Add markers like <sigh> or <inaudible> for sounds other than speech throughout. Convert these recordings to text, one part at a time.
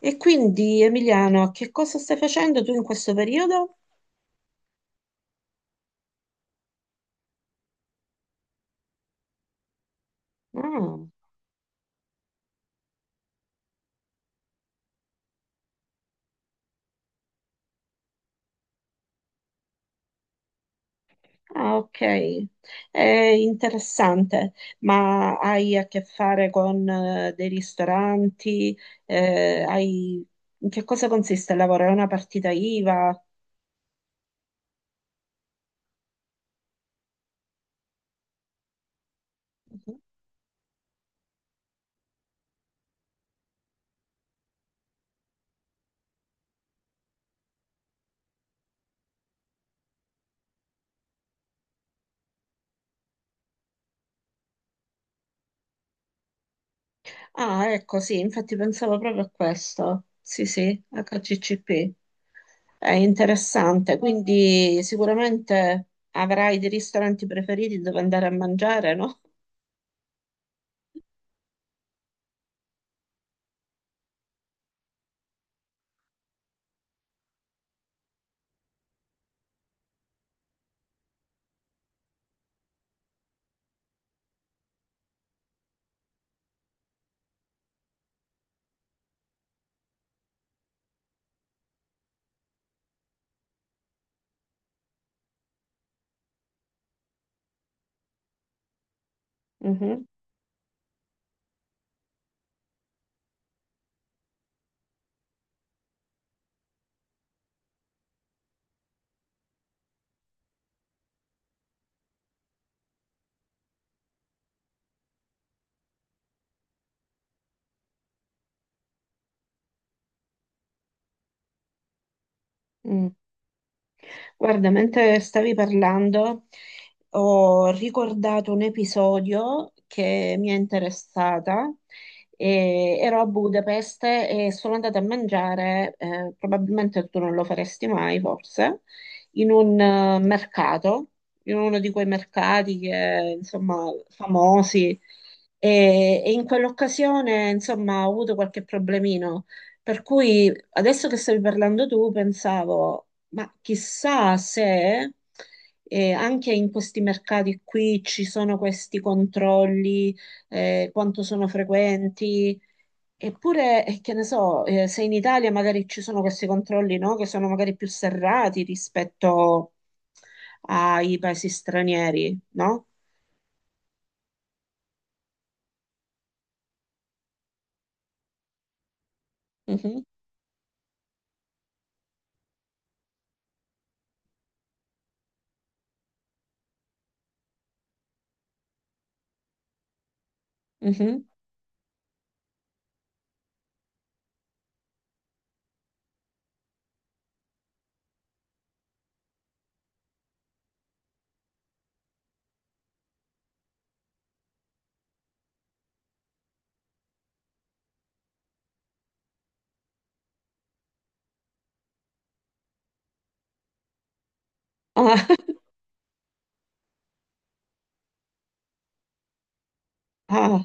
E quindi, Emiliano, che cosa stai facendo tu in questo periodo? Ah, ah, ok, è interessante, ma hai a che fare con dei ristoranti? Eh, hai... In che cosa consiste il lavoro? È una partita IVA? Mhm. Ah, ecco, sì, infatti pensavo proprio a questo. Sì, sì, HCCP. È interessante, quindi sicuramente avrai dei ristoranti preferiti dove andare a mangiare, no? Mhm. Mm. Guarda, mentre stavi parlando, ho ricordato un episodio che mi è interessata. E ero a Budapest e sono andata a mangiare, probabilmente tu non lo faresti mai, forse, in un mercato, in uno di quei mercati che, insomma, famosi. E in quell'occasione, insomma, ho avuto qualche problemino. Per cui adesso che stavi parlando tu, pensavo. Ma chissà se anche in questi mercati qui ci sono questi controlli, quanto sono frequenti, eppure, che ne so, se in Italia magari ci sono questi controlli, no, che sono magari più serrati rispetto ai paesi stranieri, no? Mhm, mhm. Ah, <laughs> ah,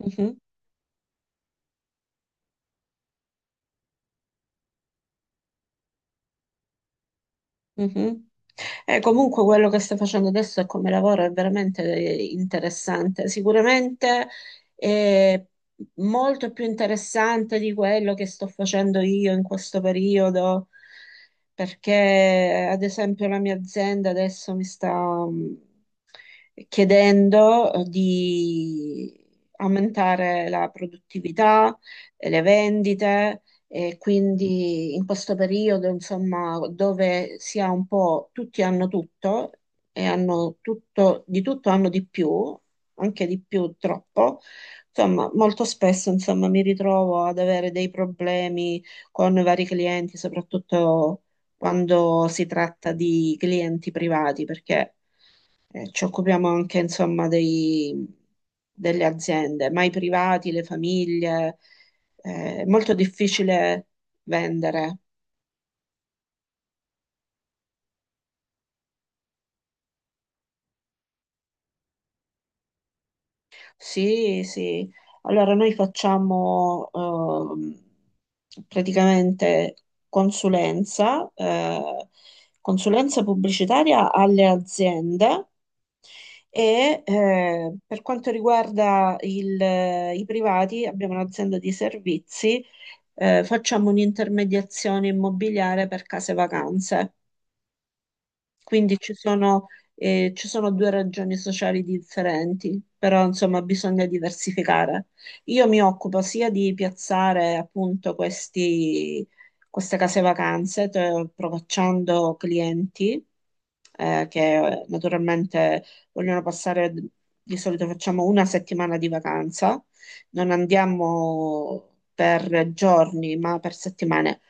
mhm. Mhm. Comunque quello che stai facendo adesso e come lavoro è veramente interessante, sicuramente è molto più interessante di quello che sto facendo io in questo periodo, perché ad esempio la mia azienda adesso mi sta mm, chiedendo di aumentare la produttività, e le vendite. E quindi in questo periodo, insomma, dove si ha un po', tutti hanno tutto e hanno tutto, di tutto hanno di più, anche di più troppo. Insomma, molto spesso, insomma, mi ritrovo ad avere dei problemi con vari clienti, soprattutto quando si tratta di clienti privati, perché ci occupiamo anche, insomma, delle aziende, ma i privati, le famiglie. È molto difficile vendere. Sì, sì. Allora, noi facciamo praticamente consulenza, consulenza pubblicitaria alle aziende e per quanto riguarda i privati, abbiamo un'azienda di servizi facciamo un'intermediazione immobiliare per case vacanze. Quindi ci sono, ci sono due ragioni sociali differenti, però insomma bisogna diversificare. Io mi occupo sia di piazzare appunto questi, queste case vacanze, provocando clienti che naturalmente vogliono passare, di solito facciamo una settimana di vacanza, non andiamo per giorni ma per settimane.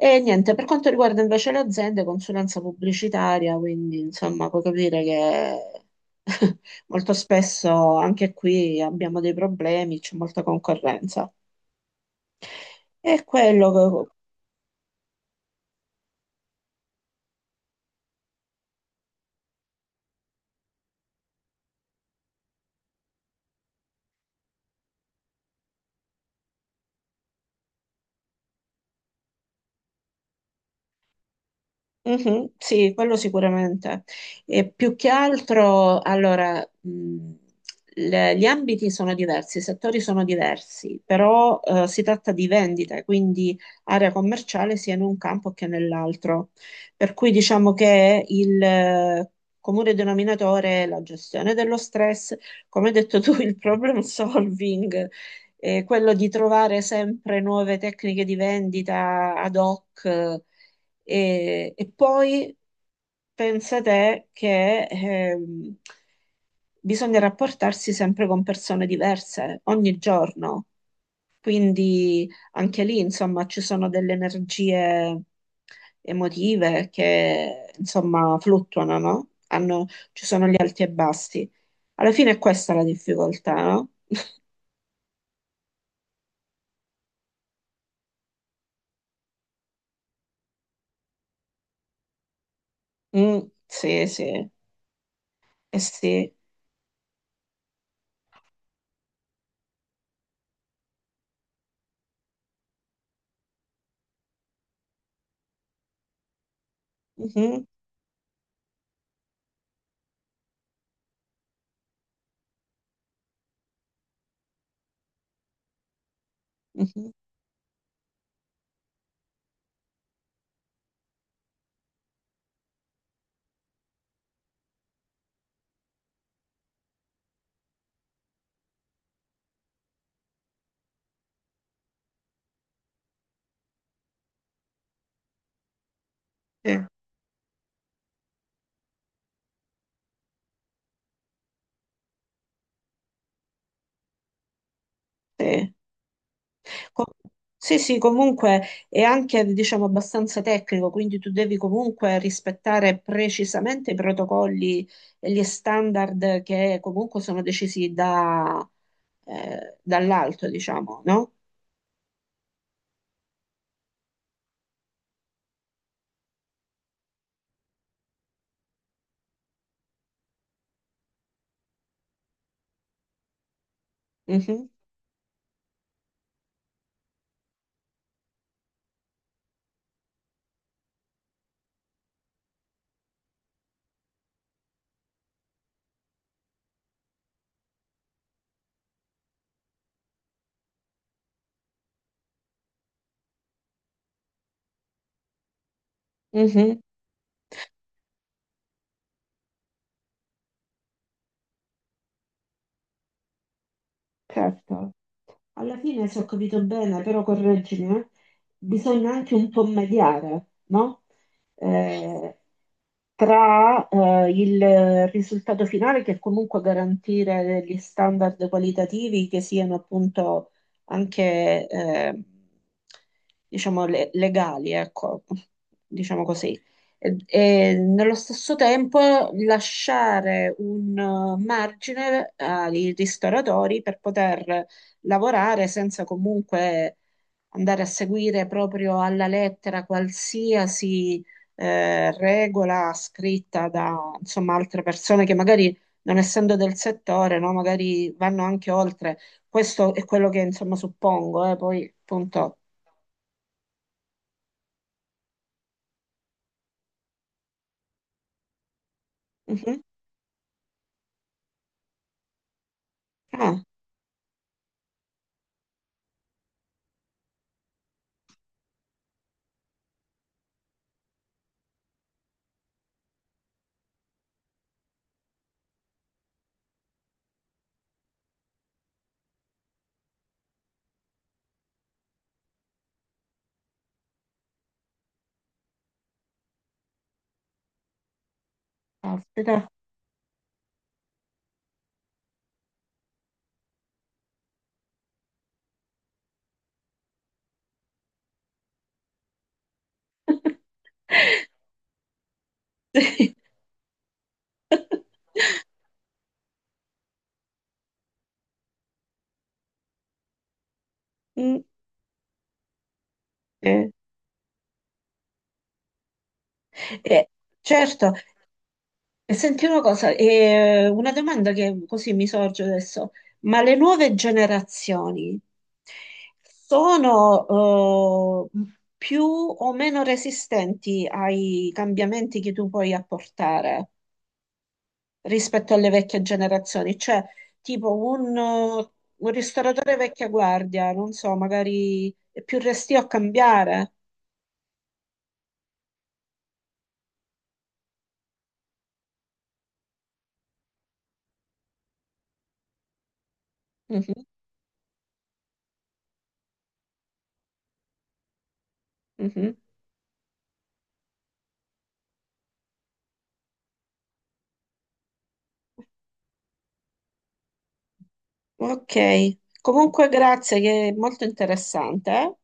E niente, per quanto riguarda invece le aziende, consulenza pubblicitaria, quindi insomma puoi capire che <laughs> molto spesso anche qui abbiamo dei problemi, c'è molta concorrenza. E quello, Mhm, sì, quello sicuramente. E più che altro, allora, gli ambiti sono diversi, i settori sono diversi, però si tratta di vendite, quindi area commerciale sia in un campo che nell'altro. Per cui diciamo che il comune denominatore è la gestione dello stress, come hai detto tu, il problem solving, quello di trovare sempre nuove tecniche di vendita ad hoc. E poi pensa te che bisogna rapportarsi sempre con persone diverse ogni giorno, quindi anche lì, insomma, ci sono delle energie emotive che, insomma, fluttuano, no? Ci sono gli alti e bassi. Alla fine è questa la difficoltà, no? Mm, sì, sì, eh sì. Mhm, mhm, sì, sì. Co- Sì, sì, comunque è anche, diciamo, abbastanza tecnico, quindi tu devi comunque rispettare precisamente i protocolli e gli standard che comunque sono decisi da, dall'alto, diciamo, no? Mhm, mhm, certo. Alla fine, se ho capito bene, però correggimi, bisogna anche un po' mediare, no? Eh, tra il risultato finale, che è comunque garantire degli standard qualitativi che siano appunto anche, diciamo, legali, ecco, diciamo così. E nello stesso tempo lasciare un margine ai ristoratori per poter lavorare senza comunque andare a seguire proprio alla lettera qualsiasi regola scritta da insomma, altre persone che magari non essendo del settore, no, magari vanno anche oltre. Questo è quello che insomma suppongo, poi appunto. Mhm. Ah, caspita. <laughs> Sì. Mm, eh, eh, certo, e senti una cosa, e una domanda che così mi sorge adesso, ma le nuove generazioni sono più o meno resistenti ai cambiamenti che tu puoi apportare rispetto alle vecchie generazioni? Cioè, tipo un ristoratore vecchia guardia, non so, magari è più restio a cambiare. Mhm, mhm. Ok, comunque grazie, che è molto interessante. Eh.